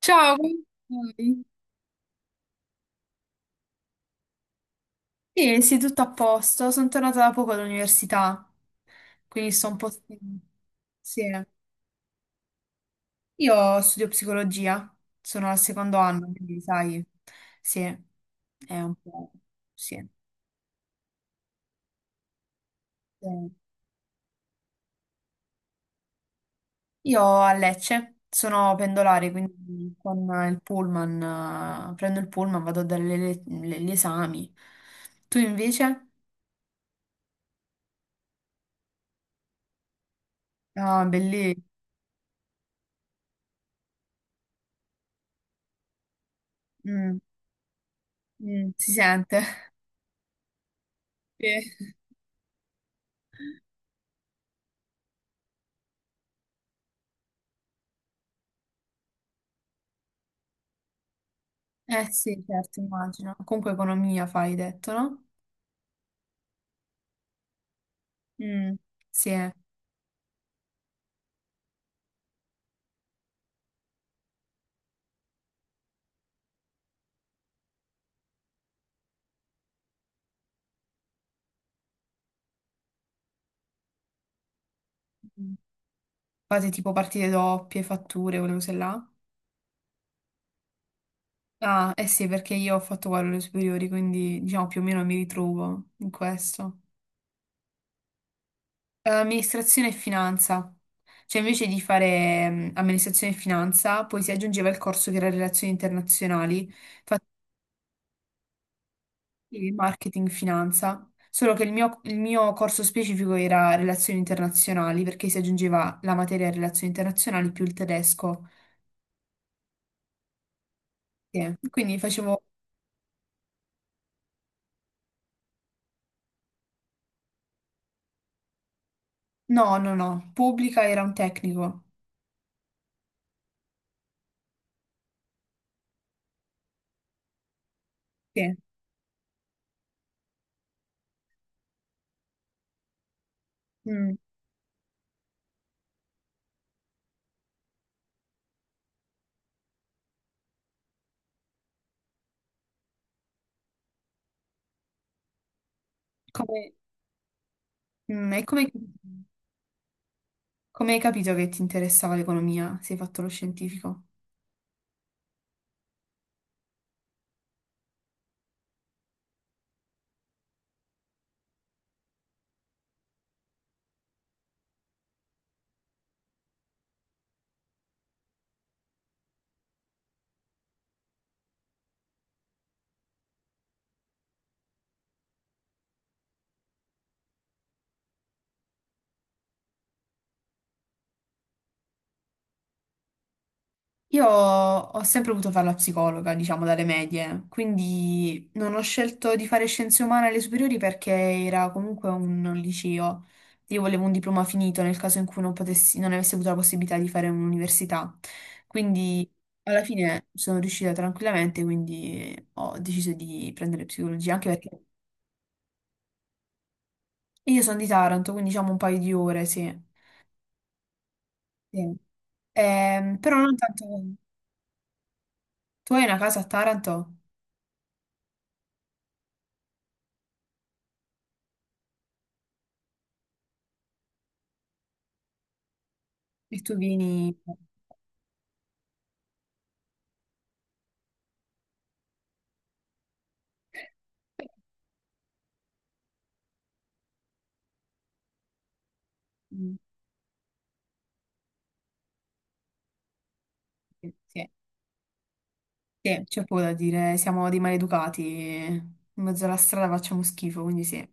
Ciao, come stai? Sì, sì, tutto a posto. Sono tornata da poco dall'università, quindi sto un po' stanca. Sì. Io studio psicologia, sono al secondo anno, quindi sai, sì, è un po'. Sì. Eh, Io a Lecce sono pendolare, quindi con il pullman, prendo il pullman, vado a dare gli esami. Tu invece? Ah, bellissimo. Mm, mm, si sente. Sì. Eh sì, certo, immagino. Comunque economia fai, hai detto, no? Mm, sì. Eh. Fate tipo partite doppie, fatture, quelle cose là. Ah, eh sì, perché io ho fatto quello alle superiori, quindi diciamo più o meno mi ritrovo in questo. Amministrazione e finanza. Cioè invece di fare amministrazione e finanza, poi si aggiungeva il corso che era relazioni internazionali. Sì, marketing, finanza, solo che il mio corso specifico era relazioni internazionali perché si aggiungeva la materia relazioni internazionali più il tedesco. Sì. Quindi facevo, no, no, no, pubblica era un tecnico. Sì. Mm. Come, mm, e come, come hai capito che ti interessava l'economia? Sei fatto lo scientifico? Io ho sempre voluto fare la psicologa, diciamo, dalle medie, quindi non ho scelto di fare scienze umane alle superiori perché era comunque un liceo. Io volevo un diploma finito nel caso in cui non potessi, non avessi avuto la possibilità di fare un'università. Quindi alla fine sono riuscita tranquillamente, quindi ho deciso di prendere psicologia, anche perché io sono di Taranto, quindi diciamo un paio di ore, sì. Sì. Però non tanto. Tu hai una casa a Taranto e tu vieni. Mm. Sì, sì. Sì, c'è poco da dire, siamo dei maleducati, in mezzo alla strada facciamo schifo, quindi sì.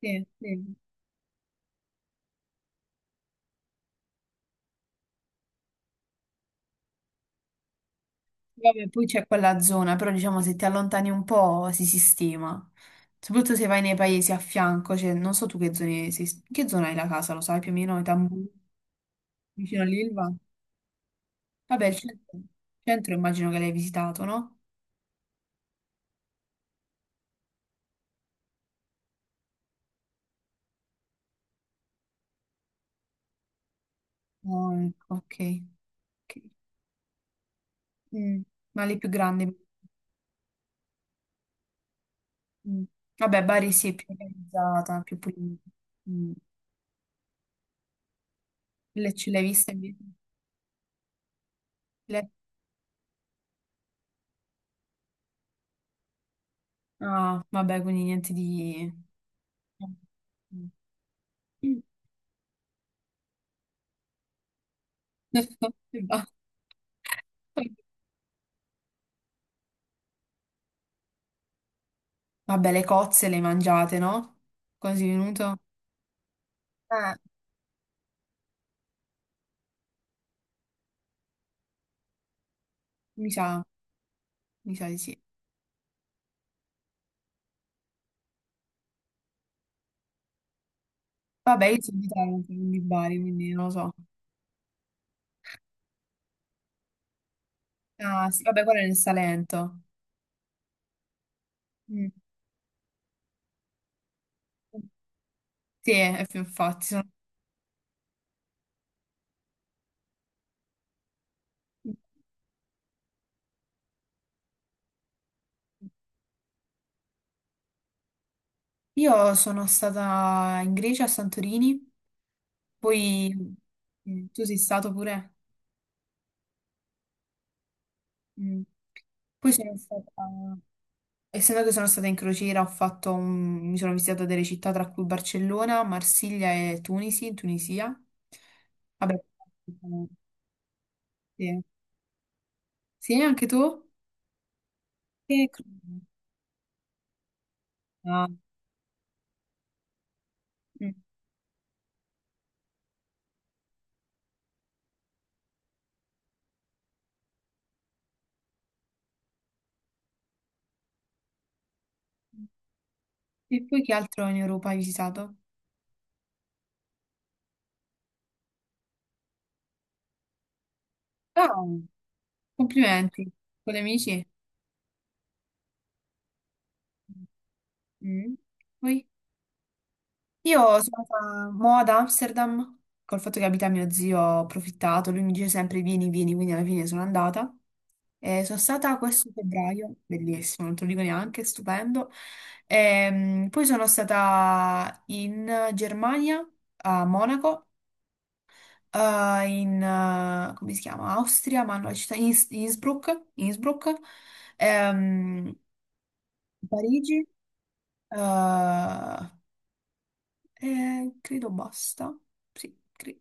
Sì, sì. Vabbè, poi c'è quella zona, però diciamo se ti allontani un po' si sistema, soprattutto se vai nei paesi a fianco, cioè non so tu che zone, che zona hai la casa, lo sai più o meno, i tamburi, vicino all'Ilva? Vabbè, il centro, centro immagino che l'hai visitato, no? Oh, ecco, ok. Ok. Mm. Ma le più grandi. Mm. Vabbè, Bari sì, è più organizzata, più pulita. Mm. Le ce l'hai viste, invece? Le- Ah, vabbè, quindi niente di. Mm. E basta. Vabbè, le cozze le hai mangiate, no? Quasi venuto? Eh, mi sa, mi sa di sì. Vabbè, io sono di Taranto, non di Bari, quindi non lo so. Ah, sì, vabbè, quello è nel Salento. Mm. Sì, è più infatti. Io sono stata in Grecia, a Santorini. Poi tu sei stato pure? Mm. Poi sono stata, essendo che sono stata in crociera, ho mi sono visitata delle città tra cui Barcellona, Marsiglia e Tunisi, in Tunisia. Vabbè, sì. Sì, anche tu? E cro- Ah. Mm. E poi che altro in Europa hai visitato? Ah, complimenti, con gli amici? Mm. Poi? Io sono stata mo ad Amsterdam, col fatto che abita mio zio, ho approfittato, lui mi dice sempre vieni, vieni, quindi alla fine sono andata. E sono stata questo febbraio, bellissimo, non te lo dico neanche, stupendo. Poi sono stata in Germania, a Monaco, in, come si chiama? Austria, ma no, la città Innsbruck, Innsbruck, ehm, Parigi, eh, e credo basta. Sì, cre-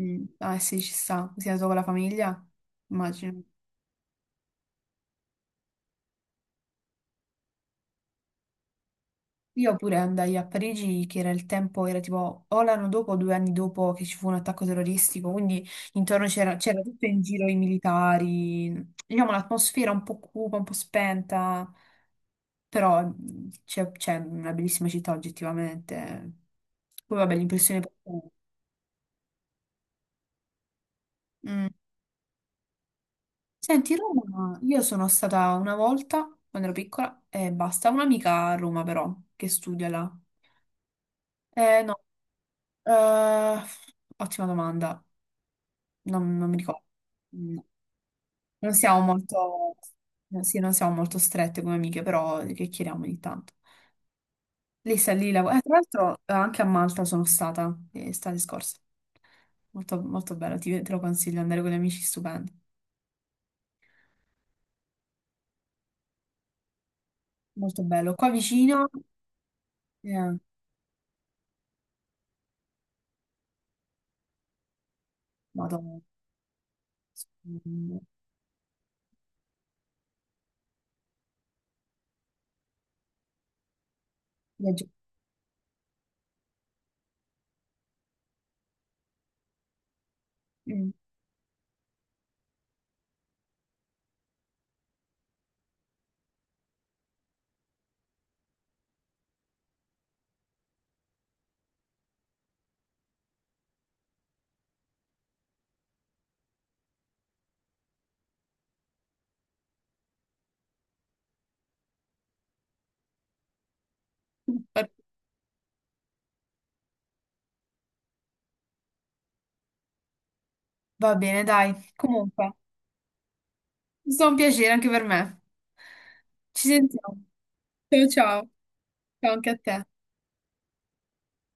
Mm. Ah sì, ci sta, sei andato con la famiglia? Immagino. Io pure andai a Parigi, che era il tempo, era tipo o l'anno dopo o 2 anni dopo che ci fu un attacco terroristico, quindi intorno c'era tutto in giro i militari, diciamo l'atmosfera un po' cupa, un po' spenta, però c'è una bellissima città oggettivamente. Poi vabbè, l'impressione. Mm. Senti, Roma, io sono stata una volta quando ero piccola e basta, un'amica a Roma però, che studia là. Eh no, eh, ottima domanda, non mi ricordo. Mm. Non siamo molto, no, sì, non siamo molto strette come amiche, però che chiediamo ogni tanto. Lei sta lì, tra l'altro anche a Malta sono stata, estate scorsa, molto, molto bello, te lo consiglio, andare con gli amici, stupendo, molto bello. Qua vicino, eh, vado, mm, viaggio. Mm. Va va bene, dai. Comunque, è stato un piacere anche per me. Ci sentiamo. Ciao, ciao. Ciao anche a te.